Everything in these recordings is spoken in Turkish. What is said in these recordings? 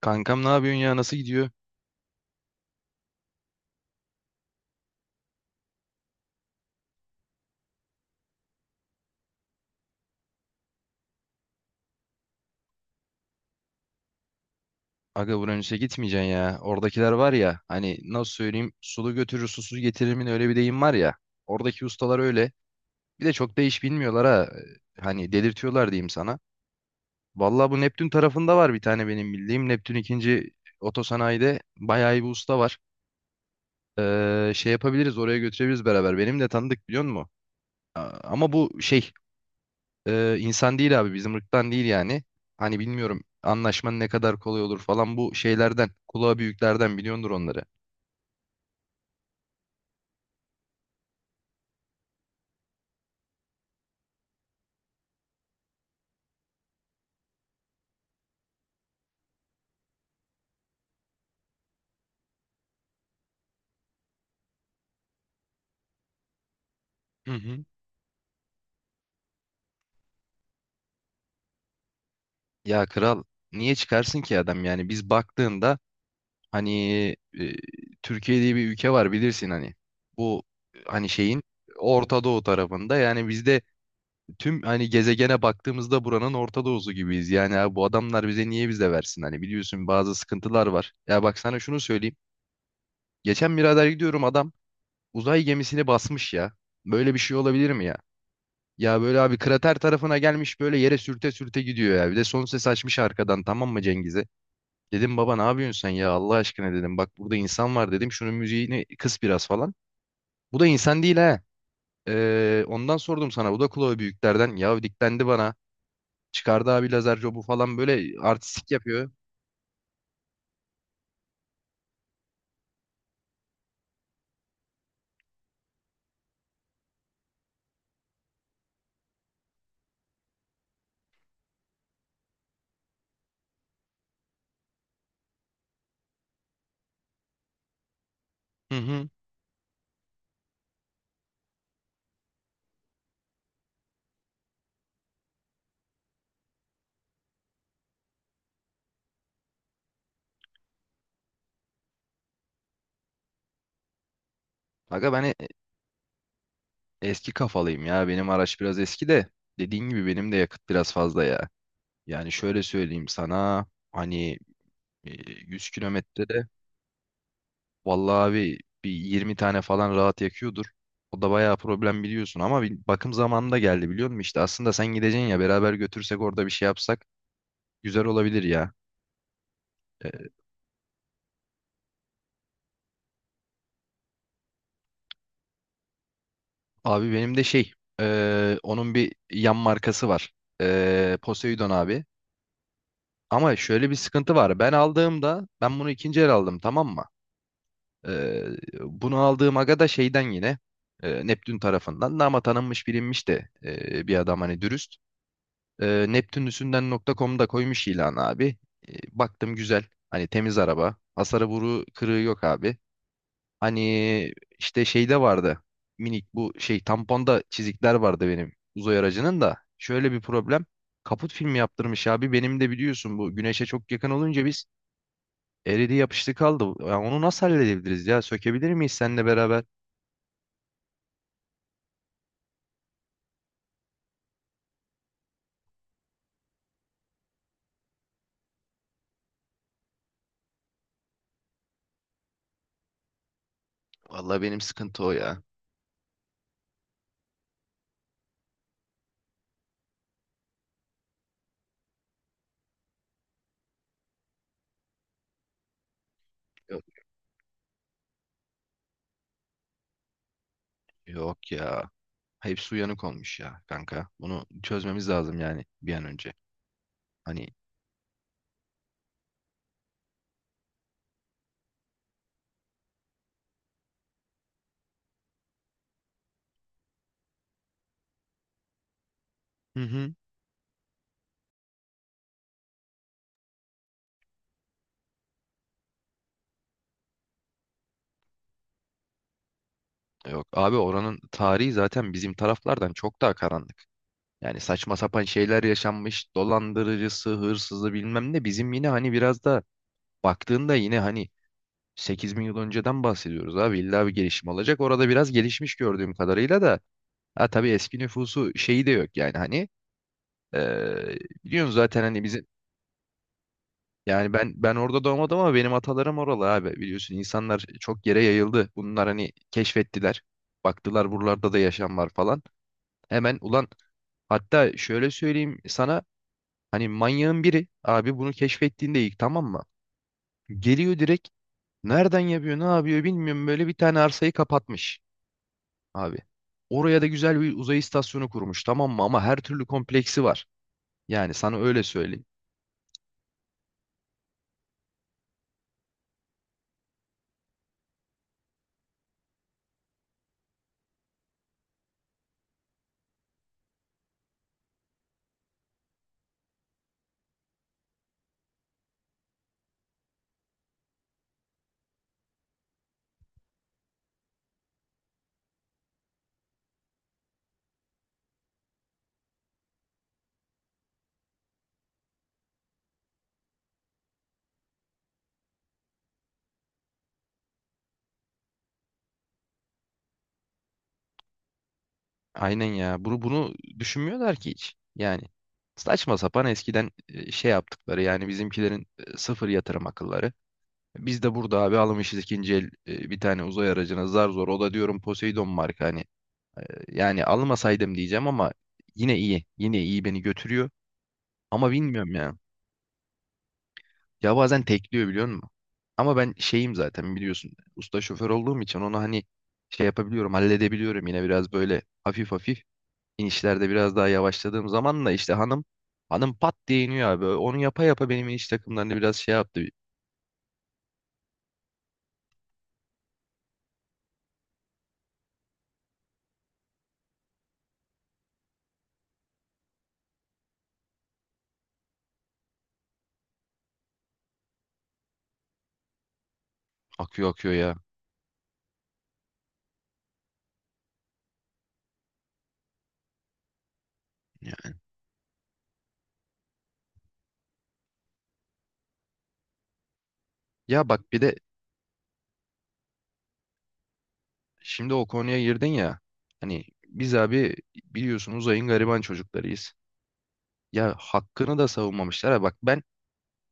Kankam ne yapıyorsun ya, nasıl gidiyor? Aga, Uranüs'e gitmeyeceksin ya. Oradakiler var ya, hani nasıl söyleyeyim, sulu götürür susuz getirir mi, ne öyle bir deyim var ya. Oradaki ustalar öyle. Bir de çok da iş bilmiyorlar ha. Hani delirtiyorlar diyeyim sana. Vallahi bu Neptün tarafında var bir tane benim bildiğim. Neptün ikinci otosanayide bayağı iyi bir usta var. Şey yapabiliriz, oraya götürebiliriz beraber. Benim de tanıdık, biliyor musun? Ama bu şey, insan değil abi, bizim ırktan değil yani. Hani bilmiyorum anlaşmanın ne kadar kolay olur falan, bu şeylerden kulağa büyüklerden biliyordur onları. Hı hı. Ya kral, niye çıkarsın ki adam, yani biz baktığında hani, e, Türkiye diye bir ülke var bilirsin hani, bu hani şeyin Orta Doğu tarafında, yani bizde tüm hani gezegene baktığımızda buranın Orta Doğu'su gibiyiz yani abi, bu adamlar bize niye bize versin, hani biliyorsun, bazı sıkıntılar var. Ya bak sana şunu söyleyeyim, geçen birader gidiyorum, adam uzay gemisini basmış ya. Böyle bir şey olabilir mi ya? Ya böyle abi, krater tarafına gelmiş, böyle yere sürte sürte gidiyor ya. Bir de son ses açmış arkadan, tamam mı, Cengiz'e? Dedim, baba ne yapıyorsun sen ya, Allah aşkına dedim. Bak burada insan var dedim. Şunun müziğini kıs biraz falan. Bu da insan değil ha. Ondan sordum sana. Bu da kulağı büyüklerden. Ya diklendi bana. Çıkardı abi lazer jobu falan, böyle artistik yapıyor. Hı hı. Aga, ben eski kafalıyım ya. Benim araç biraz eski de. Dediğin gibi benim de yakıt biraz fazla ya. Yani şöyle söyleyeyim sana, hani e, 100 kilometrede vallahi abi bir 20 tane falan rahat yakıyordur. O da bayağı problem, biliyorsun, ama bir bakım zamanında geldi, biliyor musun? İşte aslında sen gideceksin ya, beraber götürsek, orada bir şey yapsak güzel olabilir ya. E, Abi benim de şey, onun bir yan markası var. Poseidon abi. Ama şöyle bir sıkıntı var. Ben aldığımda, ben bunu ikinci el aldım, tamam mı? Ee, Bunu aldığım aga da şeyden yine, Neptün tarafından da, ama tanınmış bilinmiş de, bir adam, hani dürüst. Neptünlüsünden.com'da koymuş ilan abi. Baktım güzel. Hani temiz araba. Hasarı, vuru kırığı yok abi. Hani işte şeyde vardı. Minik bu şey, tamponda çizikler vardı benim uzay aracının da. Şöyle bir problem. Kaput filmi yaptırmış abi. Benim de biliyorsun, bu güneşe çok yakın olunca biz, eridi yapıştı kaldı. Ya onu nasıl halledebiliriz ya? Sökebilir miyiz seninle beraber? Vallahi benim sıkıntı o ya. Yok, yok ya. Hepsi uyanık olmuş ya kanka. Bunu çözmemiz lazım yani, bir an önce. Hani, hı hı. Yok abi, oranın tarihi zaten bizim taraflardan çok daha karanlık. Yani saçma sapan şeyler yaşanmış. Dolandırıcısı, hırsızı, bilmem ne. Bizim yine hani biraz da baktığında yine hani 8 bin yıl önceden bahsediyoruz abi. İlla bir gelişim olacak. Orada biraz gelişmiş, gördüğüm kadarıyla da. Ha tabii, eski nüfusu, şeyi de yok yani hani. Biliyorsun zaten hani bizim. Yani ben orada doğmadım ama benim atalarım oralı abi, biliyorsun insanlar çok yere yayıldı. Bunlar hani keşfettiler. Baktılar buralarda da yaşam var falan. Hemen, ulan, hatta şöyle söyleyeyim sana, hani manyağın biri abi bunu keşfettiğinde ilk, tamam mı? Geliyor direkt, nereden yapıyor ne yapıyor bilmiyorum, böyle bir tane arsayı kapatmış abi. Oraya da güzel bir uzay istasyonu kurmuş, tamam mı, ama her türlü kompleksi var. Yani sana öyle söyleyeyim. Aynen ya. Bunu düşünmüyorlar ki hiç. Yani saçma sapan, eskiden şey yaptıkları yani bizimkilerin sıfır yatırım akılları. Biz de burada abi almışız ikinci el bir tane uzay aracına zar zor. O da diyorum Poseidon marka hani. Yani almasaydım diyeceğim ama yine iyi. Yine iyi, beni götürüyor. Ama bilmiyorum ya. Ya bazen tekliyor, biliyor musun? Ama ben şeyim zaten, biliyorsun. Usta şoför olduğum için onu hani, şey yapabiliyorum, halledebiliyorum yine biraz böyle hafif hafif. İnişlerde biraz daha yavaşladığım zaman da işte, hanım hanım pat diye iniyor abi. Onu yapa yapa benim iniş takımlarında biraz şey yaptı. Akıyor, akıyor ya. Ya, ya bak bir de, şimdi o konuya girdin ya. Hani biz abi, biliyorsun, uzayın gariban çocuklarıyız. Ya hakkını da savunmamışlar. Ha bak, ben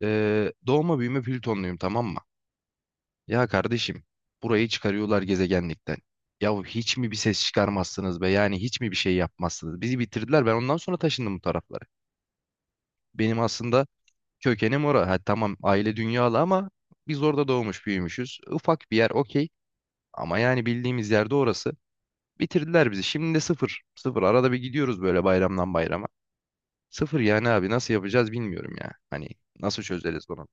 doğma büyüme Plütonluyum, tamam mı? Ya kardeşim, burayı çıkarıyorlar gezegenlikten. Ya hiç mi bir ses çıkarmazsınız be? Yani hiç mi bir şey yapmazsınız? Bizi bitirdiler. Ben ondan sonra taşındım bu taraflara. Benim aslında kökenim orada. Ha, tamam, aile dünyalı ama biz orada doğmuş büyümüşüz. Ufak bir yer, okey. Ama yani bildiğimiz yerde orası. Bitirdiler bizi. Şimdi de sıfır. Sıfır. Arada bir gidiyoruz böyle, bayramdan bayrama. Sıfır yani abi, nasıl yapacağız bilmiyorum ya. Hani nasıl çözeriz bunu?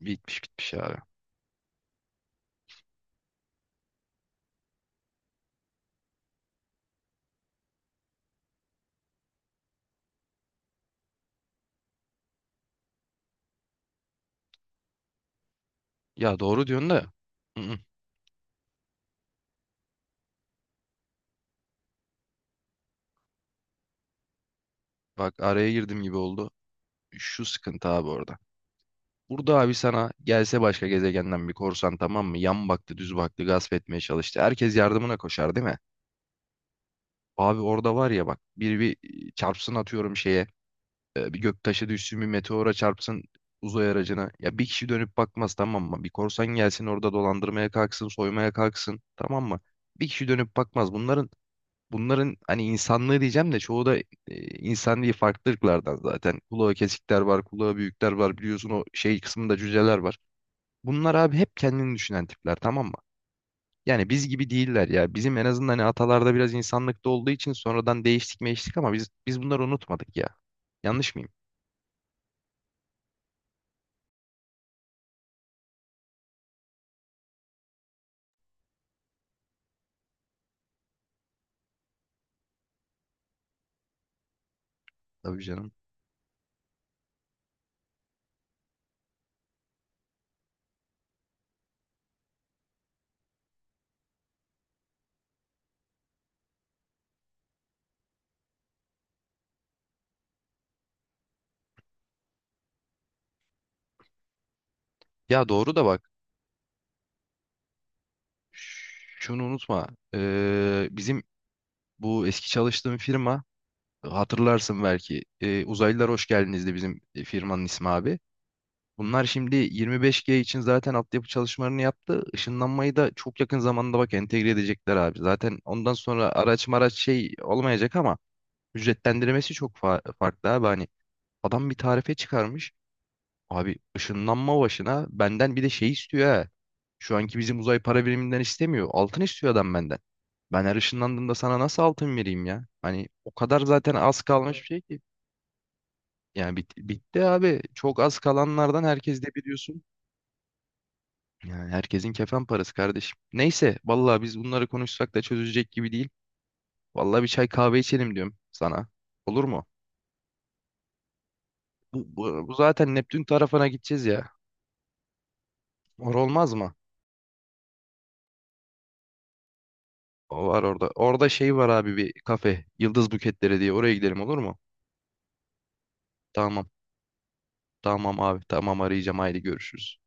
Bitmiş, bitmiş abi. Ya doğru diyorsun da. I-ı. Bak, araya girdim gibi oldu. Şu sıkıntı abi orada. Burada abi, sana gelse başka gezegenden bir korsan, tamam mı? Yan baktı, düz baktı, gasp etmeye çalıştı. Herkes yardımına koşar, değil mi? Abi orada var ya bak, biri bir çarpsın, atıyorum şeye, bir göktaşı düşsün, bir meteora çarpsın uzay aracına ya, bir kişi dönüp bakmaz, tamam mı? Bir korsan gelsin, orada dolandırmaya kalksın, soymaya kalksın, tamam mı? Bir kişi dönüp bakmaz. Bunların, hani insanlığı diyeceğim de, çoğu da insan değil, farklı ırklardan, zaten kulağı kesikler var, kulağı büyükler var biliyorsun, o şey kısmında cüceler var. Bunlar abi hep kendini düşünen tipler, tamam mı? Yani biz gibi değiller ya. Bizim en azından hani atalarda biraz insanlıkta olduğu için, sonradan değiştik meştik ama biz bunları unutmadık ya. Yanlış mıyım? Tabii canım. Ya doğru da, bak şunu unutma. Bizim bu eski çalıştığım firma, hatırlarsın belki. Uzaylılar Hoş Geldiniz'di bizim firmanın ismi abi. Bunlar şimdi 25G için zaten altyapı çalışmalarını yaptı. Işınlanmayı da çok yakın zamanda bak entegre edecekler abi. Zaten ondan sonra araç maraç şey olmayacak ama ücretlendirmesi çok farklı abi. Hani adam bir tarife çıkarmış. Abi ışınlanma başına benden bir de şey istiyor ha. Şu anki bizim uzay para biriminden istemiyor. Altın istiyor adam benden. Ben her ışınlandığımda sana nasıl altın vereyim ya? Hani o kadar zaten az kalmış bir şey ki. Yani bitti abi. Çok az kalanlardan, herkes de biliyorsun. Yani herkesin kefen parası kardeşim. Neyse, vallahi biz bunları konuşsak da çözülecek gibi değil. Vallahi bir çay kahve içelim diyorum sana. Olur mu? Bu zaten Neptün tarafına gideceğiz ya. Olmaz mı? O var orada. Orada şey var abi, bir kafe. Yıldız Buketleri diye. Oraya gidelim, olur mu? Tamam. Tamam abi. Tamam, arayacağım. Haydi, görüşürüz.